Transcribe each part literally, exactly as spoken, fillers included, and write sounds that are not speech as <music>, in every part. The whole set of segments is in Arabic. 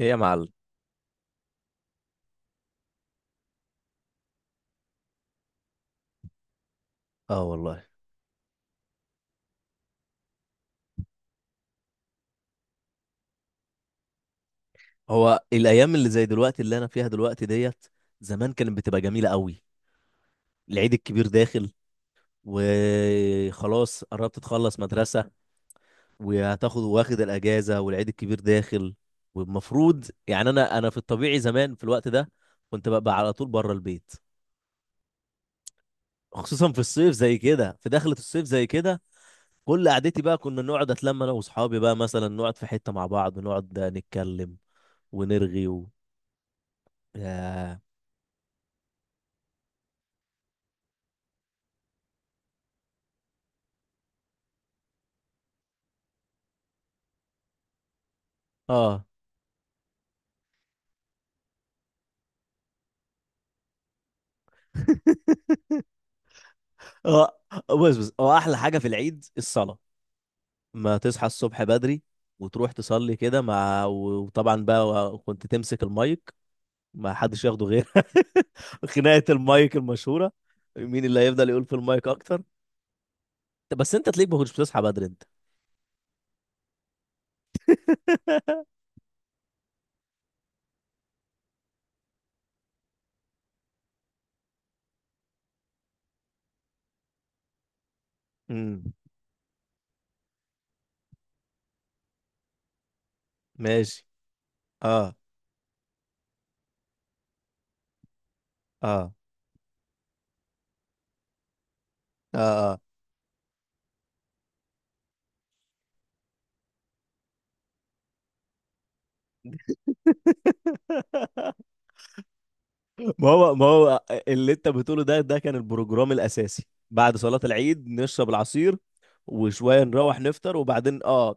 ايه يا معلم. اه والله. هو الايام اللي زي دلوقتي اللي انا فيها دلوقتي ديت زمان كانت بتبقى جميله قوي. العيد الكبير داخل، وخلاص قربت تخلص مدرسه، وهتاخد واخد الاجازه، والعيد الكبير داخل. والمفروض يعني انا انا في الطبيعي زمان في الوقت ده كنت ببقى على طول بره البيت. خصوصا في الصيف زي كده، في دخله الصيف زي كده. كل قعدتي بقى كنا نقعد اتلم انا واصحابي بقى، مثلا نقعد في حته مع بعض ونقعد نتكلم ونرغي و... ياه. اه. هو بص بص، هو احلى حاجه في العيد الصلاه. ما تصحى الصبح بدري وتروح تصلي كده مع، وطبعا بقى كنت تمسك المايك، ما حدش ياخده غير. <laughs> خناقه المايك المشهوره، مين اللي هيفضل يقول في المايك اكتر. بس انت تلاقيك ما كنتش بتصحى بدري انت. <laughs> امم ماشي. اه، اه، اه، آه. <laughs> ما هو ما هو اللي انت بتقوله ده ده كان البروجرام الاساسي. بعد صلاة العيد نشرب العصير وشوية، نروح نفطر وبعدين اه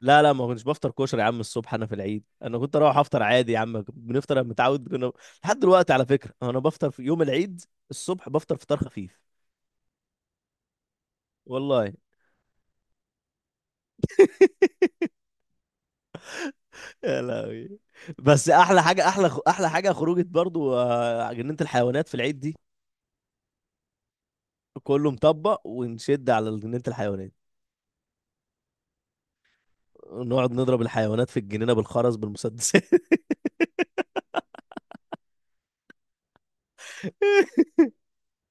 لا، لا، ما كنتش بفطر كشري يا عم. الصبح انا في العيد، انا كنت اروح افطر عادي يا عم، بنفطر، أنا متعود كنا لحد دلوقتي، على فكرة انا بفطر في يوم العيد الصبح بفطر فطار خفيف. والله. يا لهوي. بس احلى حاجة احلى احلى حاجة خروجة برضو، آه، جنينة الحيوانات في العيد دي. كله مطبق ونشد على جنينة الحيوانات، نقعد نضرب الحيوانات في الجنينة بالخرز بالمسدسات.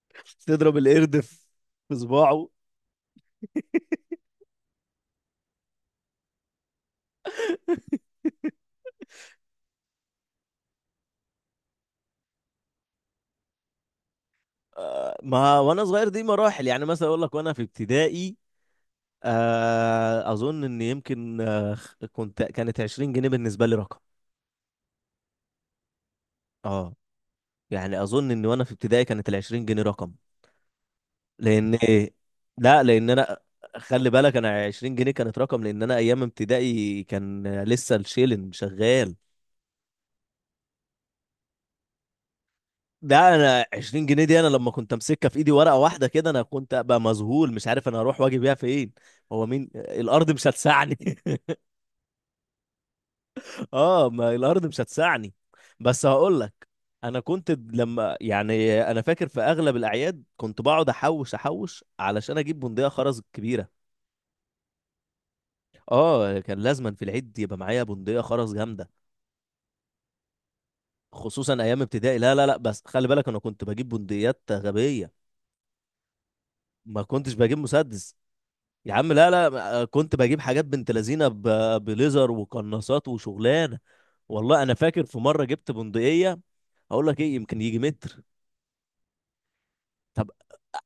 <laughs> تضرب القرد في في صباعه. آه، ما وانا صغير دي مراحل، يعني مثلا اقول لك وانا في ابتدائي. آه، اظن ان يمكن آه، كنت كانت عشرين جنيه بالنسبة لي رقم. اه. يعني اظن ان وانا في ابتدائي كانت ال عشرين جنيه رقم. لان ايه، لا، لان انا، خلي بالك، انا عشرين جنيه كانت رقم، لان انا ايام ابتدائي كان لسه الشيلن شغال. ده انا عشرين جنيه دي، انا لما كنت امسكها في ايدي ورقه واحده كده، انا كنت ابقى مذهول، مش عارف انا اروح واجي بيها فين. هو مين، الارض مش هتسعني. <laughs> اه، ما الارض مش هتسعني. بس هقول لك، انا كنت لما يعني، انا فاكر في اغلب الاعياد كنت بقعد احوش احوش علشان اجيب بندقيه خرز كبيره. اه، كان لازما في العيد يبقى معايا بندقيه خرز جامده. خصوصا ايام ابتدائي، لا، لا، لا، بس خلي بالك، انا كنت بجيب بندقيات غبيه، ما كنتش بجيب مسدس. يا عم لا، لا، كنت بجيب حاجات بنت لذينه، ب- بليزر وقناصات وشغلانه. والله انا فاكر في مره جبت بندقيه، اقول لك ايه، يمكن يجي متر. طب.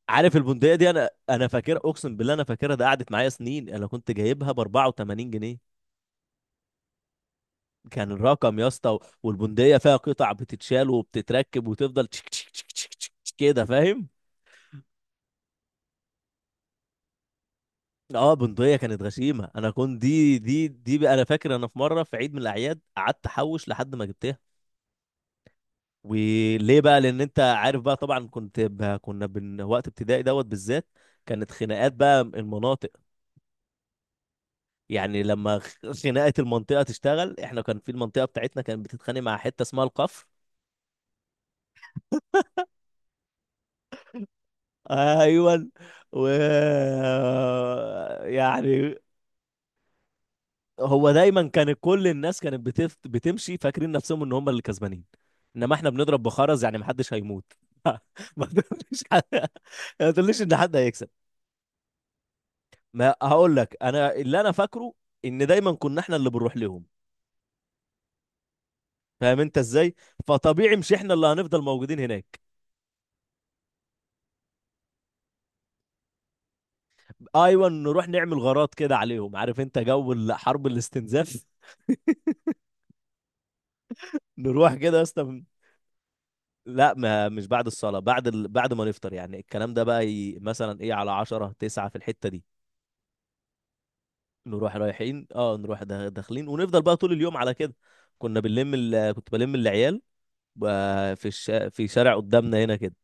عارف البندقيه دي، انا انا فاكرها، اقسم بالله انا فاكرها، ده قعدت معايا سنين، انا كنت جايبها ب اربعه وتمانين جنيه، كان الرقم يا اسطى. و- والبندقيه فيها قطع بتتشال وبتتركب، وتفضل تشك تشك تشك تشك تشك تشك كده، فاهم. اه. بندقيه كانت غشيمه، انا كنت دي دي دي بقى، انا فاكر انا في مره في عيد من الاعياد قعدت احوش لحد ما جبتها. وليه بقى، لان انت عارف بقى طبعا، كنت ب... كنا بن... وقت ابتدائي دوت بالذات كانت خناقات بقى المناطق. يعني لما خ- خناقه المنطقه تشتغل، احنا كان في المنطقه بتاعتنا كانت بتتخانق مع حته اسمها القفر. ايوه و، <laughs> يعني. هو دايما كان كل الناس كانت بتف... بتمشي فاكرين نفسهم ان هم اللي كسبانين، انما احنا بنضرب بخرز، يعني محدش هيموت. <laughs> ما تقوليش حد... ما تقوليش ان حد هيكسب. ما هقول لك انا اللي انا فاكره، ان دايما كنا احنا اللي بنروح لهم، فاهم انت ازاي؟ فطبيعي مش احنا اللي هنفضل موجودين هناك. ايوه، نروح نعمل غارات كده عليهم، عارف انت جو ال- حرب الاستنزاف. <laughs> نروح كده يا اسطى من- لا، ما مش بعد الصلاه، بعد ال... بعد ما نفطر، يعني الكلام ده بقى ي... مثلا ايه على عشرة تسعة في الحته دي. نروح رايحين اه نروح دا- داخلين، ونفضل بقى طول اليوم على كده. كنا بنلم ال... كنت بلم العيال آه، في الش... في شارع قدامنا هنا كده.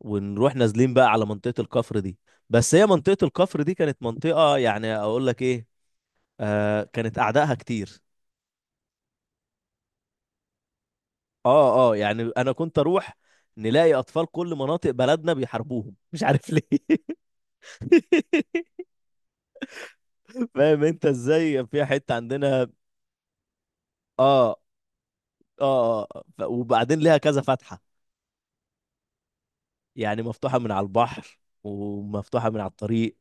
ونروح نازلين بقى على منطقة الكفر دي. بس هي منطقة الكفر دي كانت منطقة، يعني اقول لك ايه، آه كانت اعدائها كتير. اه، اه، يعني انا كنت اروح نلاقي اطفال كل مناطق بلدنا بيحاربوهم، <laughs> مش عارف ليه. <laughs> فاهم انت ازاي، في حتة عندنا. اه، اه، آه. ف- وبعدين ليها كذا فتحة، يعني مفتوحة من على البحر، ومفتوحة من على الطريق.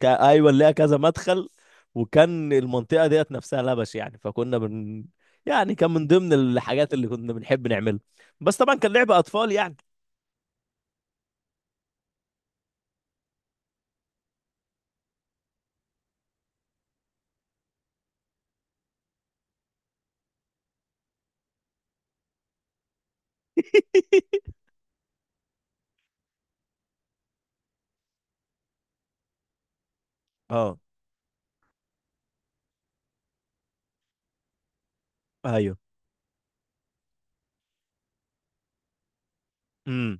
كا- ايوه، اللي ليها كذا مدخل. وكان المنطقه ديت نفسها لبش، يعني فكنا بن... يعني كان من ضمن الحاجات اللي كنا بنحب نعملها، بس طبعا كان لعب اطفال يعني. <laughs> اه، ايوه. امم.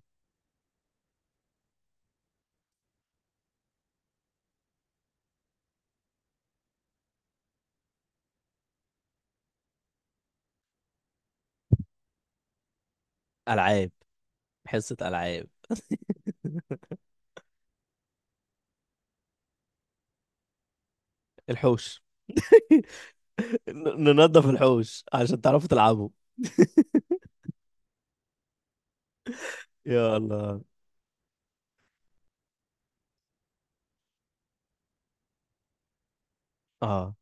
العاب حصه العاب. الحوش. <laughs> ن- ننظف الحوش عشان تعرفوا تلعبوا. يا الله. اه،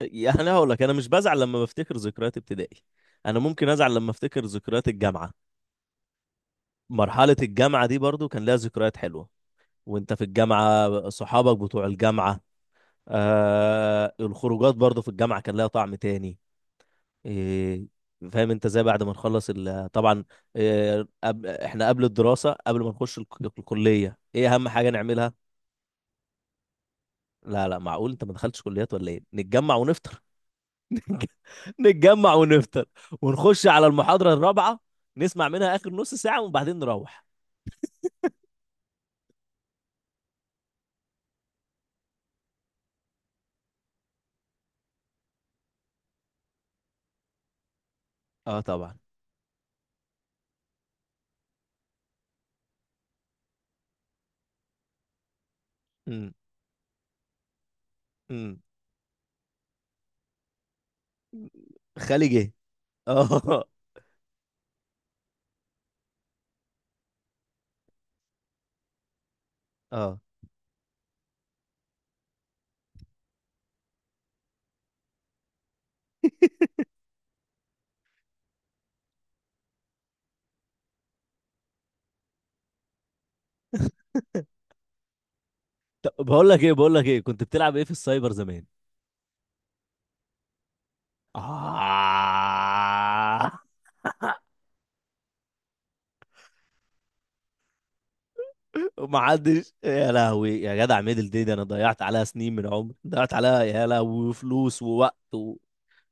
يعني انا هقول لك انا مش بزعل لما بفتكر ذكريات ابتدائي، انا ممكن ازعل لما افتكر ذكريات الجامعه. مرحله الجامعه دي برضو كان لها ذكريات حلوه، وانت في الجامعة صحابك بتوع الجامعة. آه الخروجات برضو في الجامعة كان لها طعم تاني. إيه. فاهم انت ازاي بعد ما نخلص ال... طبعا. إيه، قبل... احنا قبل الدراسة، قبل ما نخش الك... الكلية، ايه اهم حاجة نعملها. لا، لا، معقول انت ما دخلتش كليات ولا ايه؟ نتجمع ونفطر. <laughs> نتجمع ونفطر، ونخش على المحاضرة الرابعة، نسمع منها اخر نص ساعة وبعدين نروح. اه، طبعا. امم، امم. خالي جه. <laughs> اه. اه، طب بقول لك ايه بقول لك ايه، كنت بتلعب ايه في السايبر زمان؟ آه. ما حدش يا لهوي يا جدع، ميدل دي ده انا ضيعت عليها سنين من عمري، ضيعت عليها يا لهوي فلوس ووقت و...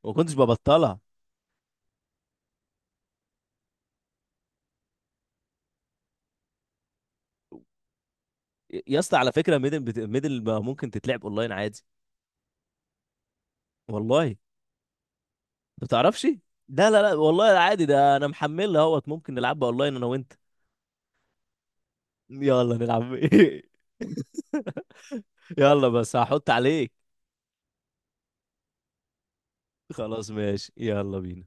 وما كنتش ببطلها. يا اسطى على فكره، ميدل بت... ميدل ما ممكن تتلعب اونلاين عادي. والله. ما تعرفش. لا، لا، لا، والله عادي، ده انا محملها اهوت، ممكن نلعبها اونلاين انا وانت. يلا نلعب. <laughs> يلا بس هحط عليك. خلاص ماشي، يلا بينا